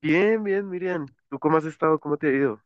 Bien, bien, Miriam. ¿Tú cómo has estado? ¿Cómo te ha ido?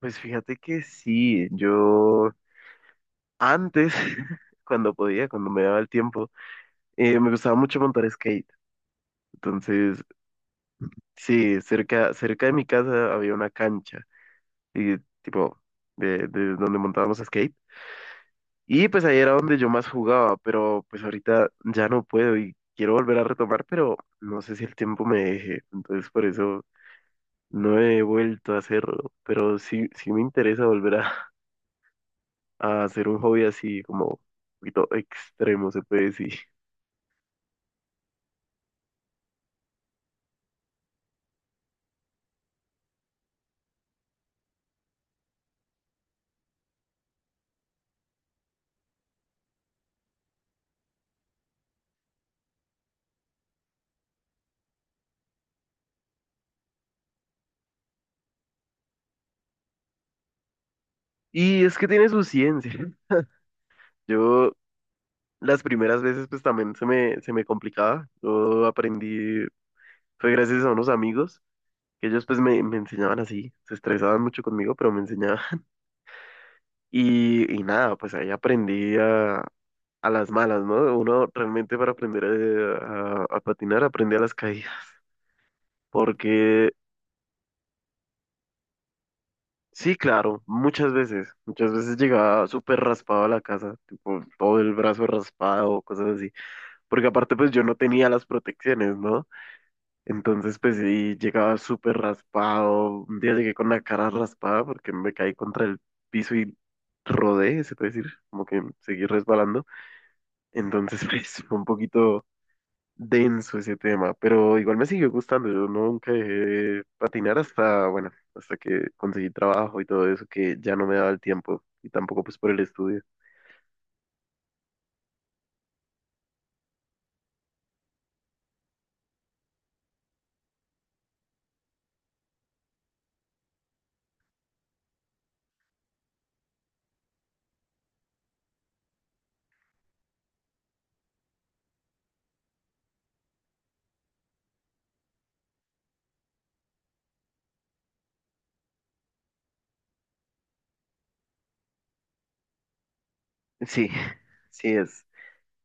Pues fíjate que sí, yo antes, cuando podía, cuando me daba el tiempo, me gustaba mucho montar skate. Entonces, sí, cerca de mi casa había una cancha, y, tipo, de donde montábamos skate. Y pues ahí era donde yo más jugaba, pero pues ahorita ya no puedo y quiero volver a retomar, pero no sé si el tiempo me deje. Entonces, por eso no he vuelto a hacerlo, pero sí, sí me interesa volver a hacer un hobby así como un poquito extremo, se puede decir. Y es que tiene su ciencia. Yo las primeras veces pues también se me complicaba. Yo aprendí, fue gracias a unos amigos que ellos pues me enseñaban así, se estresaban mucho conmigo, pero me enseñaban. Y nada, pues ahí aprendí a las malas, ¿no? Uno realmente para aprender a patinar aprende a las caídas, porque sí, claro, muchas veces llegaba súper raspado a la casa, tipo todo el brazo raspado, cosas así, porque aparte pues yo no tenía las protecciones, ¿no? Entonces pues sí, llegaba súper raspado, un día llegué con la cara raspada porque me caí contra el piso y rodé, se puede decir, como que seguí resbalando, entonces pues fue un poquito denso ese tema, pero igual me siguió gustando. Yo nunca dejé de patinar hasta, bueno, hasta que conseguí trabajo y todo eso, que ya no me daba el tiempo y tampoco pues por el estudio. Sí, sí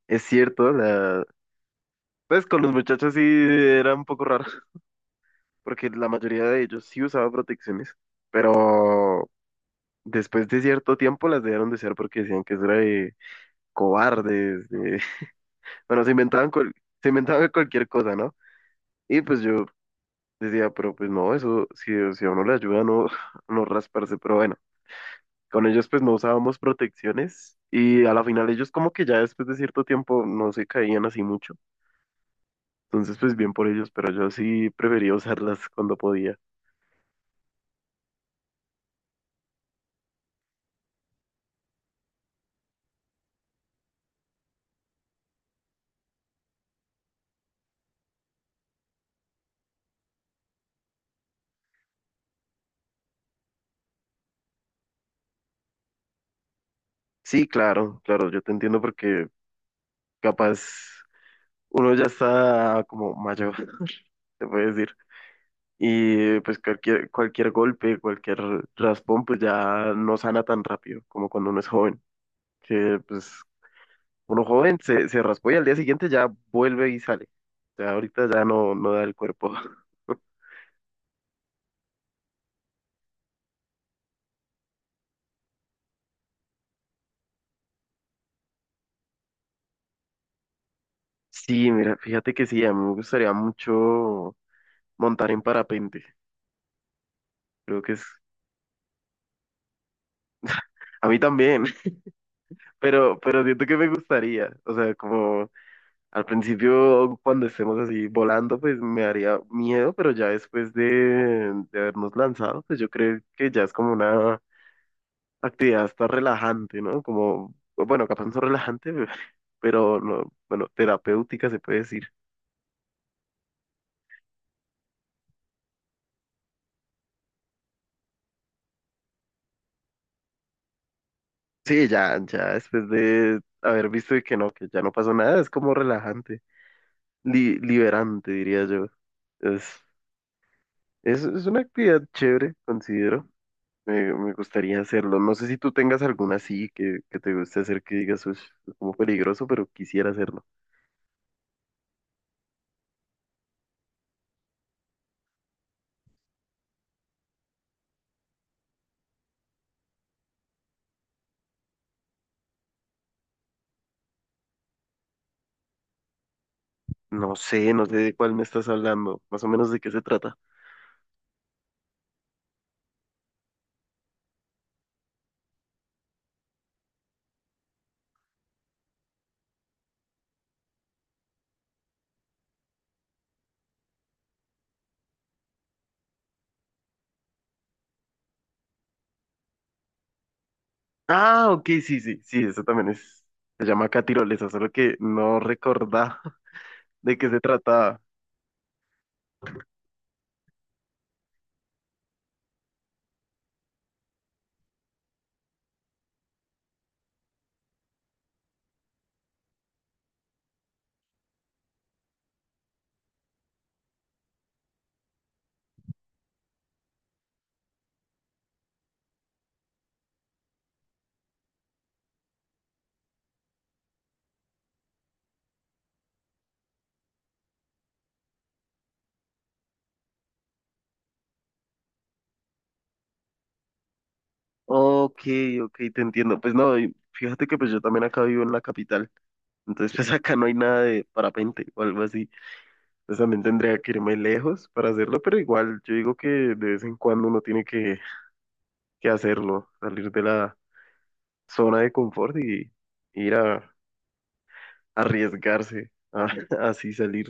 es cierto, la... pues con los muchachos sí era un poco raro, porque la mayoría de ellos sí usaba protecciones, pero después de cierto tiempo las dejaron de usar porque decían que eso era de cobardes, de... bueno, se inventaban, se inventaban cualquier cosa, ¿no? Y pues yo decía, pero pues no, eso, si, si a uno le ayuda a no, no rasparse, pero bueno, con ellos pues no usábamos protecciones y a la final ellos como que ya después de cierto tiempo no se caían así mucho, entonces pues bien por ellos, pero yo sí prefería usarlas cuando podía. Sí, claro, claro, yo te entiendo porque capaz uno ya está como mayor, se puede decir. Y pues cualquier, cualquier golpe, cualquier raspón, pues ya no sana tan rápido como cuando uno es joven. Que pues uno joven se raspó y al día siguiente ya vuelve y sale. O sea, ahorita ya no, no da el cuerpo. Sí, mira, fíjate que sí, a mí me gustaría mucho montar en parapente. Creo que es... A mí también, pero siento que me gustaría. O sea, como... Al principio, cuando estemos así volando, pues me haría miedo, pero ya después de habernos lanzado, pues yo creo que ya es como una actividad hasta relajante, ¿no? Como, bueno, capaz no relajante, pero no, bueno, terapéutica se puede decir. Sí, ya, ya después de haber visto y que no, que ya no pasó nada, es como relajante, liberante, diría yo. Es, es una actividad chévere, considero. Me gustaría hacerlo. No sé si tú tengas alguna así que te guste hacer que digas, "Ush, es como peligroso, pero quisiera hacerlo". No sé, no sé de cuál me estás hablando, más o menos de qué se trata. Ah, ok, sí, sí, sí, eso también es, se llama acá tirolesa, solo que no recordaba de qué se trataba. Ok, ok, te entiendo. Pues no, y fíjate que pues yo también acá vivo en la capital, entonces pues acá no hay nada de parapente o algo así. Entonces también tendría que irme lejos para hacerlo, pero igual yo digo que de vez en cuando uno tiene que hacerlo, salir de la zona de confort y ir a arriesgarse, a, así salir.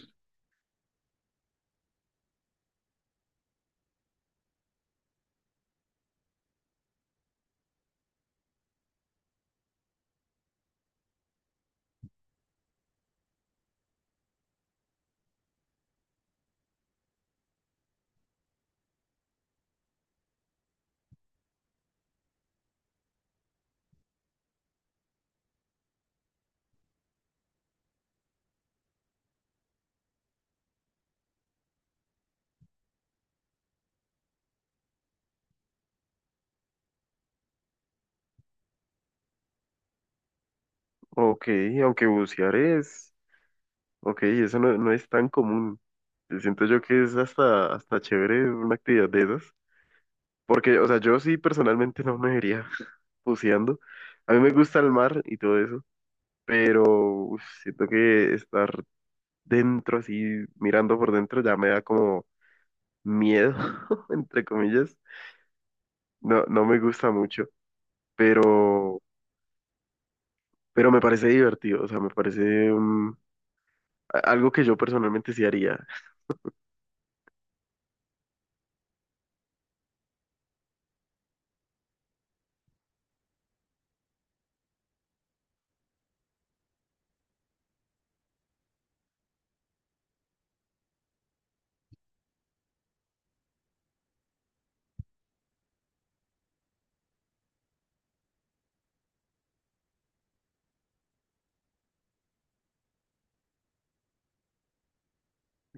Ok, aunque bucear es, ok, eso no, no es tan común. Siento yo que es hasta, hasta chévere una actividad de esas, porque, o sea, yo sí personalmente no me vería buceando. A mí me gusta el mar y todo eso, pero uf, siento que estar dentro así, mirando por dentro, ya me da como miedo, entre comillas. No, no me gusta mucho. pero, pero me parece divertido, o sea, me parece mm, algo que yo personalmente sí haría.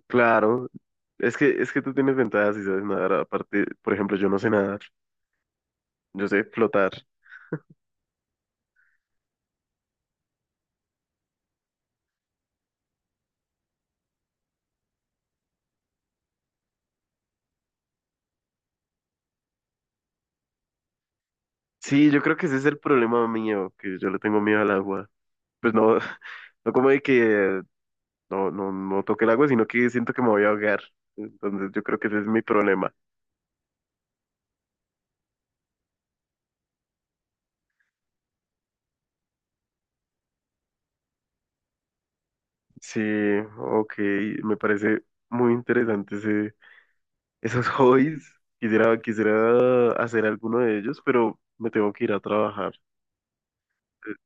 Claro, es que tú tienes ventajas y sabes nadar, aparte, por ejemplo, yo no sé nadar, yo sé flotar. Sí, yo creo que ese es el problema mío, que yo le tengo miedo al agua. Pues no, no como de que no, no, no toque el agua, sino que siento que me voy a ahogar. Entonces yo creo que ese es mi problema. Sí, ok, me parece muy interesante ese, esos hobbies, quisiera, quisiera hacer alguno de ellos, pero me tengo que ir a trabajar. Eh,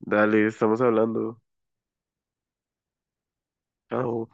Dale, estamos hablando. Chao.